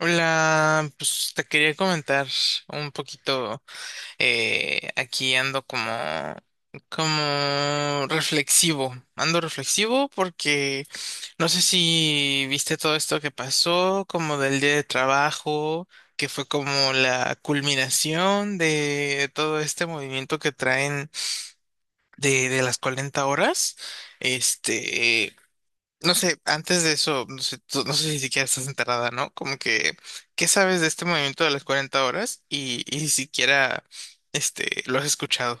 Hola, pues te quería comentar un poquito, aquí ando como reflexivo, ando reflexivo porque no sé si viste todo esto que pasó, como del día de trabajo, que fue como la culminación de todo este movimiento que traen de las 40 horas, este... No sé, antes de eso, no sé, no sé si siquiera estás enterrada, ¿no? Como que, ¿qué sabes de este movimiento de las 40 horas? Y ni siquiera, lo has escuchado.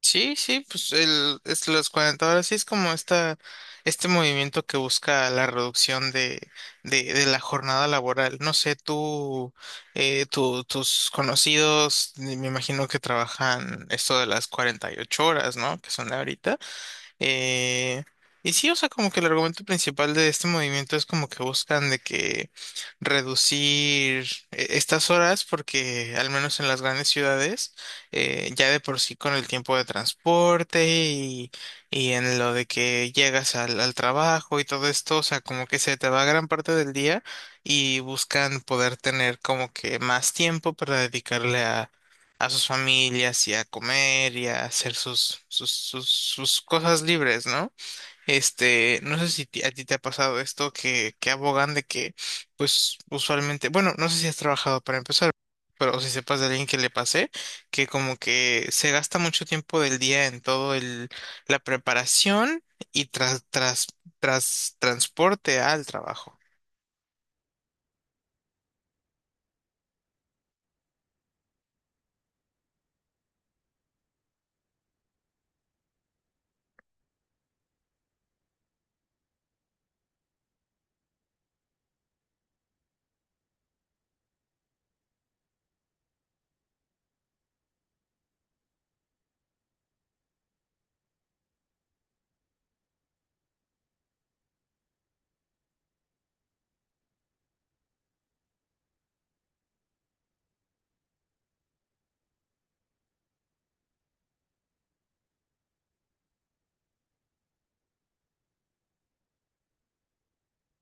Sí, sí, pues es las 40 horas sí es como este movimiento que busca la reducción de la jornada laboral. No sé, tus conocidos, me imagino que trabajan esto de las 48 horas, ¿no? Que son ahorita. Eh, y sí, o sea, como que el argumento principal de este movimiento es como que buscan de que reducir estas horas porque al menos en las grandes ciudades ya de por sí con el tiempo de transporte y en lo de que llegas al trabajo y todo esto, o sea, como que se te va gran parte del día y buscan poder tener como que más tiempo para dedicarle a sus familias y a comer y a hacer sus cosas libres, ¿no? No sé si a ti te ha pasado esto que abogan de que, pues, usualmente, bueno, no sé si has trabajado para empezar, pero si sepas de alguien que le pase, que como que se gasta mucho tiempo del día en todo la preparación y tras transporte al trabajo.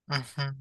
Ujú.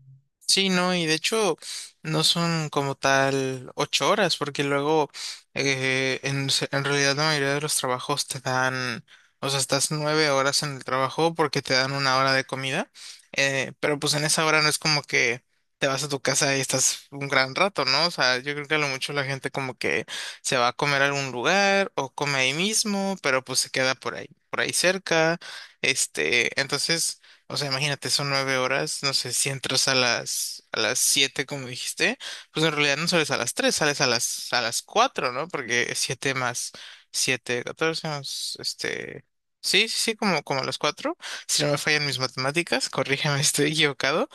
Sí, no, y de hecho no son como tal 8 horas, porque luego en realidad la mayoría de los trabajos te dan, o sea, estás 9 horas en el trabajo porque te dan una hora de comida, pero pues en esa hora no es como que te vas a tu casa y estás un gran rato, ¿no? O sea, yo creo que a lo mucho la gente como que se va a comer a algún lugar o come ahí mismo, pero pues se queda por ahí cerca. Entonces, o sea, imagínate, son 9 horas, no sé, si entras a las siete, como dijiste, pues en realidad no sales a las tres, sales a las cuatro, ¿no? Porque siete más siete, 14 más sí, sí, sí, como a las cuatro. Si no me fallan mis matemáticas, corrígeme, si estoy equivocado.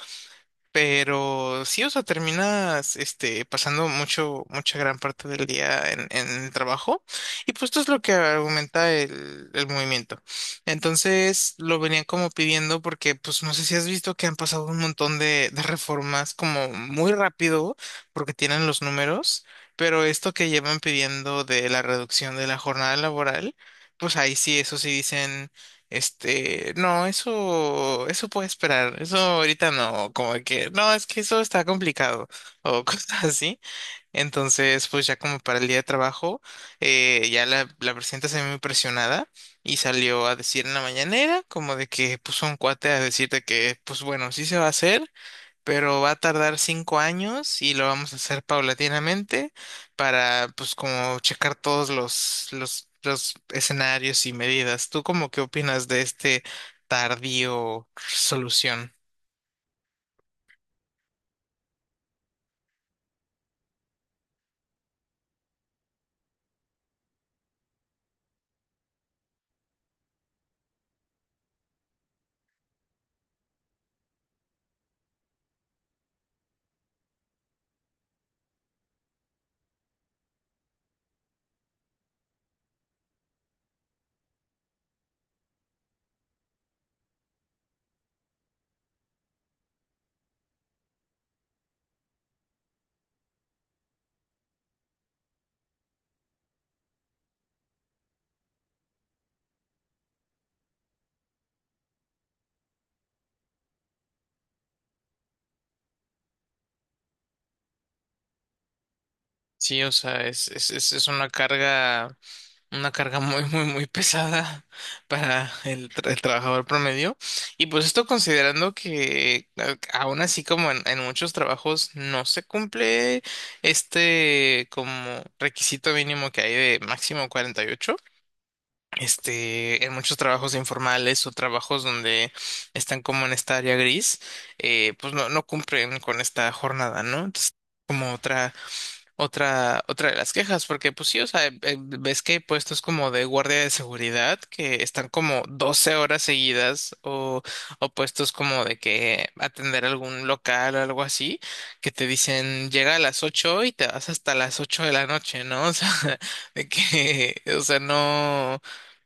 Pero sí, o sea, terminas pasando mucha gran parte del día en el trabajo. Y pues esto es lo que argumenta el movimiento. Entonces lo venían como pidiendo porque, pues no sé si has visto que han pasado un montón de reformas como muy rápido porque tienen los números. Pero esto que llevan pidiendo de la reducción de la jornada laboral, pues ahí sí, eso sí dicen. No, eso puede esperar. Eso ahorita no, como que, no, es que eso está complicado o cosas así. Entonces, pues ya como para el día de trabajo, ya la presidenta se ve muy presionada y salió a decir en la mañanera, como de que puso un cuate a decirte que, pues bueno, sí se va a hacer, pero va a tardar 5 años y lo vamos a hacer paulatinamente para, pues, como checar todos los escenarios y medidas. ¿Tú como qué opinas de este tardío solución? Sí, o sea, es una carga. Una carga muy, muy, muy pesada para el trabajador promedio. Y pues esto considerando que aún así como en muchos trabajos no se cumple este como requisito mínimo que hay de máximo 48. En muchos trabajos informales o trabajos donde están como en esta área gris, pues no, no cumplen con esta jornada, ¿no? Entonces, como otra de las quejas, porque pues sí, o sea, ves que hay puestos como de guardia de seguridad que están como 12 horas seguidas o puestos como de que atender algún local o algo así, que te dicen llega a las 8 y te vas hasta las 8 de la noche, ¿no? O sea, de que, o sea,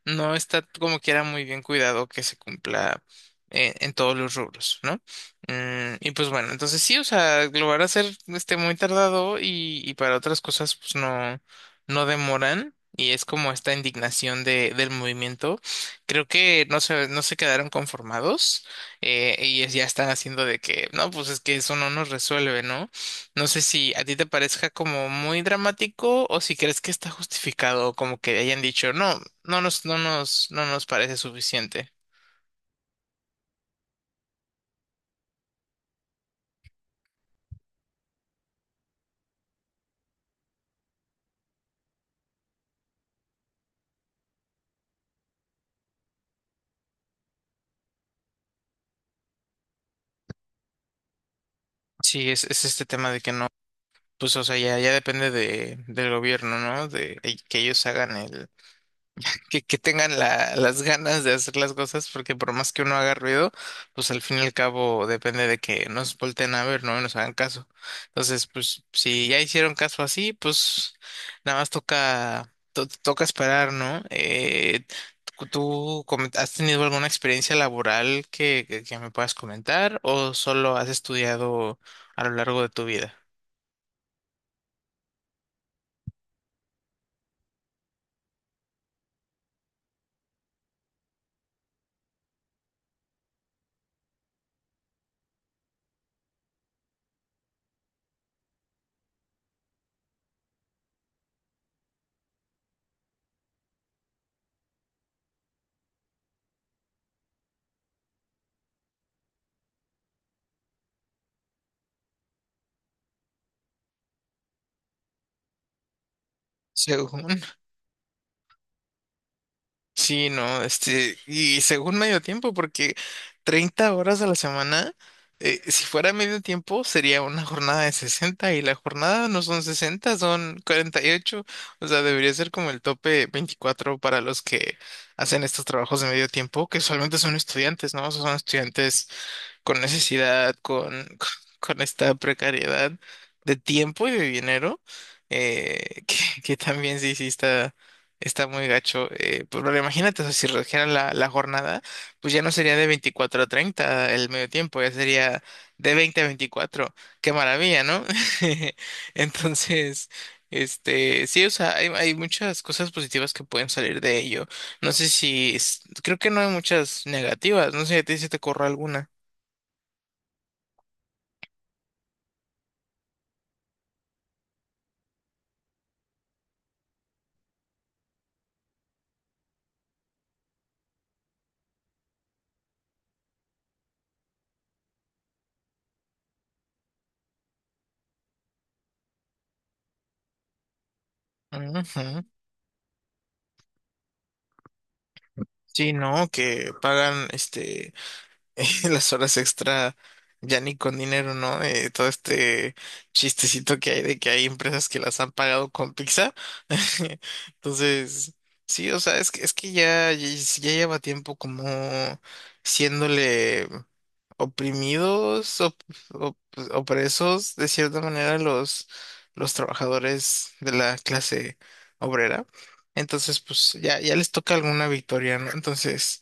no está como quiera muy bien cuidado que se cumpla en todos los rubros, ¿no? Y pues bueno, entonces sí, o sea, lo van a hacer muy tardado y para otras cosas pues no demoran y es como esta indignación del movimiento. Creo que no se quedaron conformados y ya están haciendo de que, no, pues es que eso no nos resuelve, ¿no? No sé si a ti te parezca como muy dramático o si crees que está justificado, como que hayan dicho, no, no nos parece suficiente. Sí, es este tema de que no. Pues, o sea, ya depende del gobierno, ¿no? De que ellos hagan que tengan las ganas de hacer las cosas, porque por más que uno haga ruido, pues al fin y al cabo depende de que nos volteen a ver, ¿no? Y nos hagan caso. Entonces, pues, si ya hicieron caso así, pues nada más toca esperar, ¿no? ¿ Has tenido alguna experiencia laboral que, que me puedas comentar o solo has estudiado a lo largo de tu vida? Según- Sí, no, y según medio tiempo, porque 30 horas a la semana, si fuera medio tiempo, sería una jornada de 60 y la jornada no son 60 son 48, o sea, debería ser como el tope 24 para los que hacen estos trabajos de medio tiempo, que usualmente son estudiantes, ¿no? O sea, son estudiantes con necesidad, con, con con esta precariedad de tiempo y de dinero, eh, que, que también sí, sí está muy gacho. Pero imagínate, o sea, si redujeran la jornada, pues ya no sería de 24 a 30 el medio tiempo, ya sería de 20 a 24. Qué maravilla, ¿no? Entonces... sí, o sea, hay muchas cosas positivas que pueden salir de ello. No sé creo que no hay muchas negativas. No sé si a ti se te ocurre alguna. Ujú. Sí, no, que pagan las horas extra ya ni con dinero, ¿no? Todo este chistecito que hay de que hay empresas que las han pagado con pizza. Entonces, sí, o sea, es que ya lleva tiempo como siéndole. oprimidos, op- op- Opresos de cierta manera los trabajadores de la clase obrera. Entonces, pues ya les toca alguna victoria, ¿no? Entonces,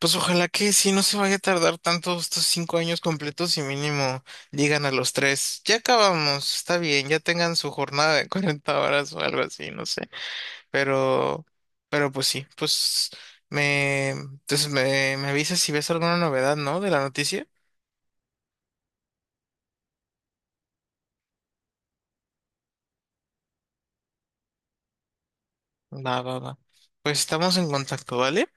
pues ojalá que si no se vaya a tardar tanto estos 5 años completos y mínimo llegan a los tres. Ya acabamos, está bien, ya tengan su jornada de 40 horas o algo así, no sé. Pero, pero pues sí, pues entonces me avisas si ves alguna novedad, ¿no? De la noticia. Va, va, va. Pues estamos en contacto, ¿vale?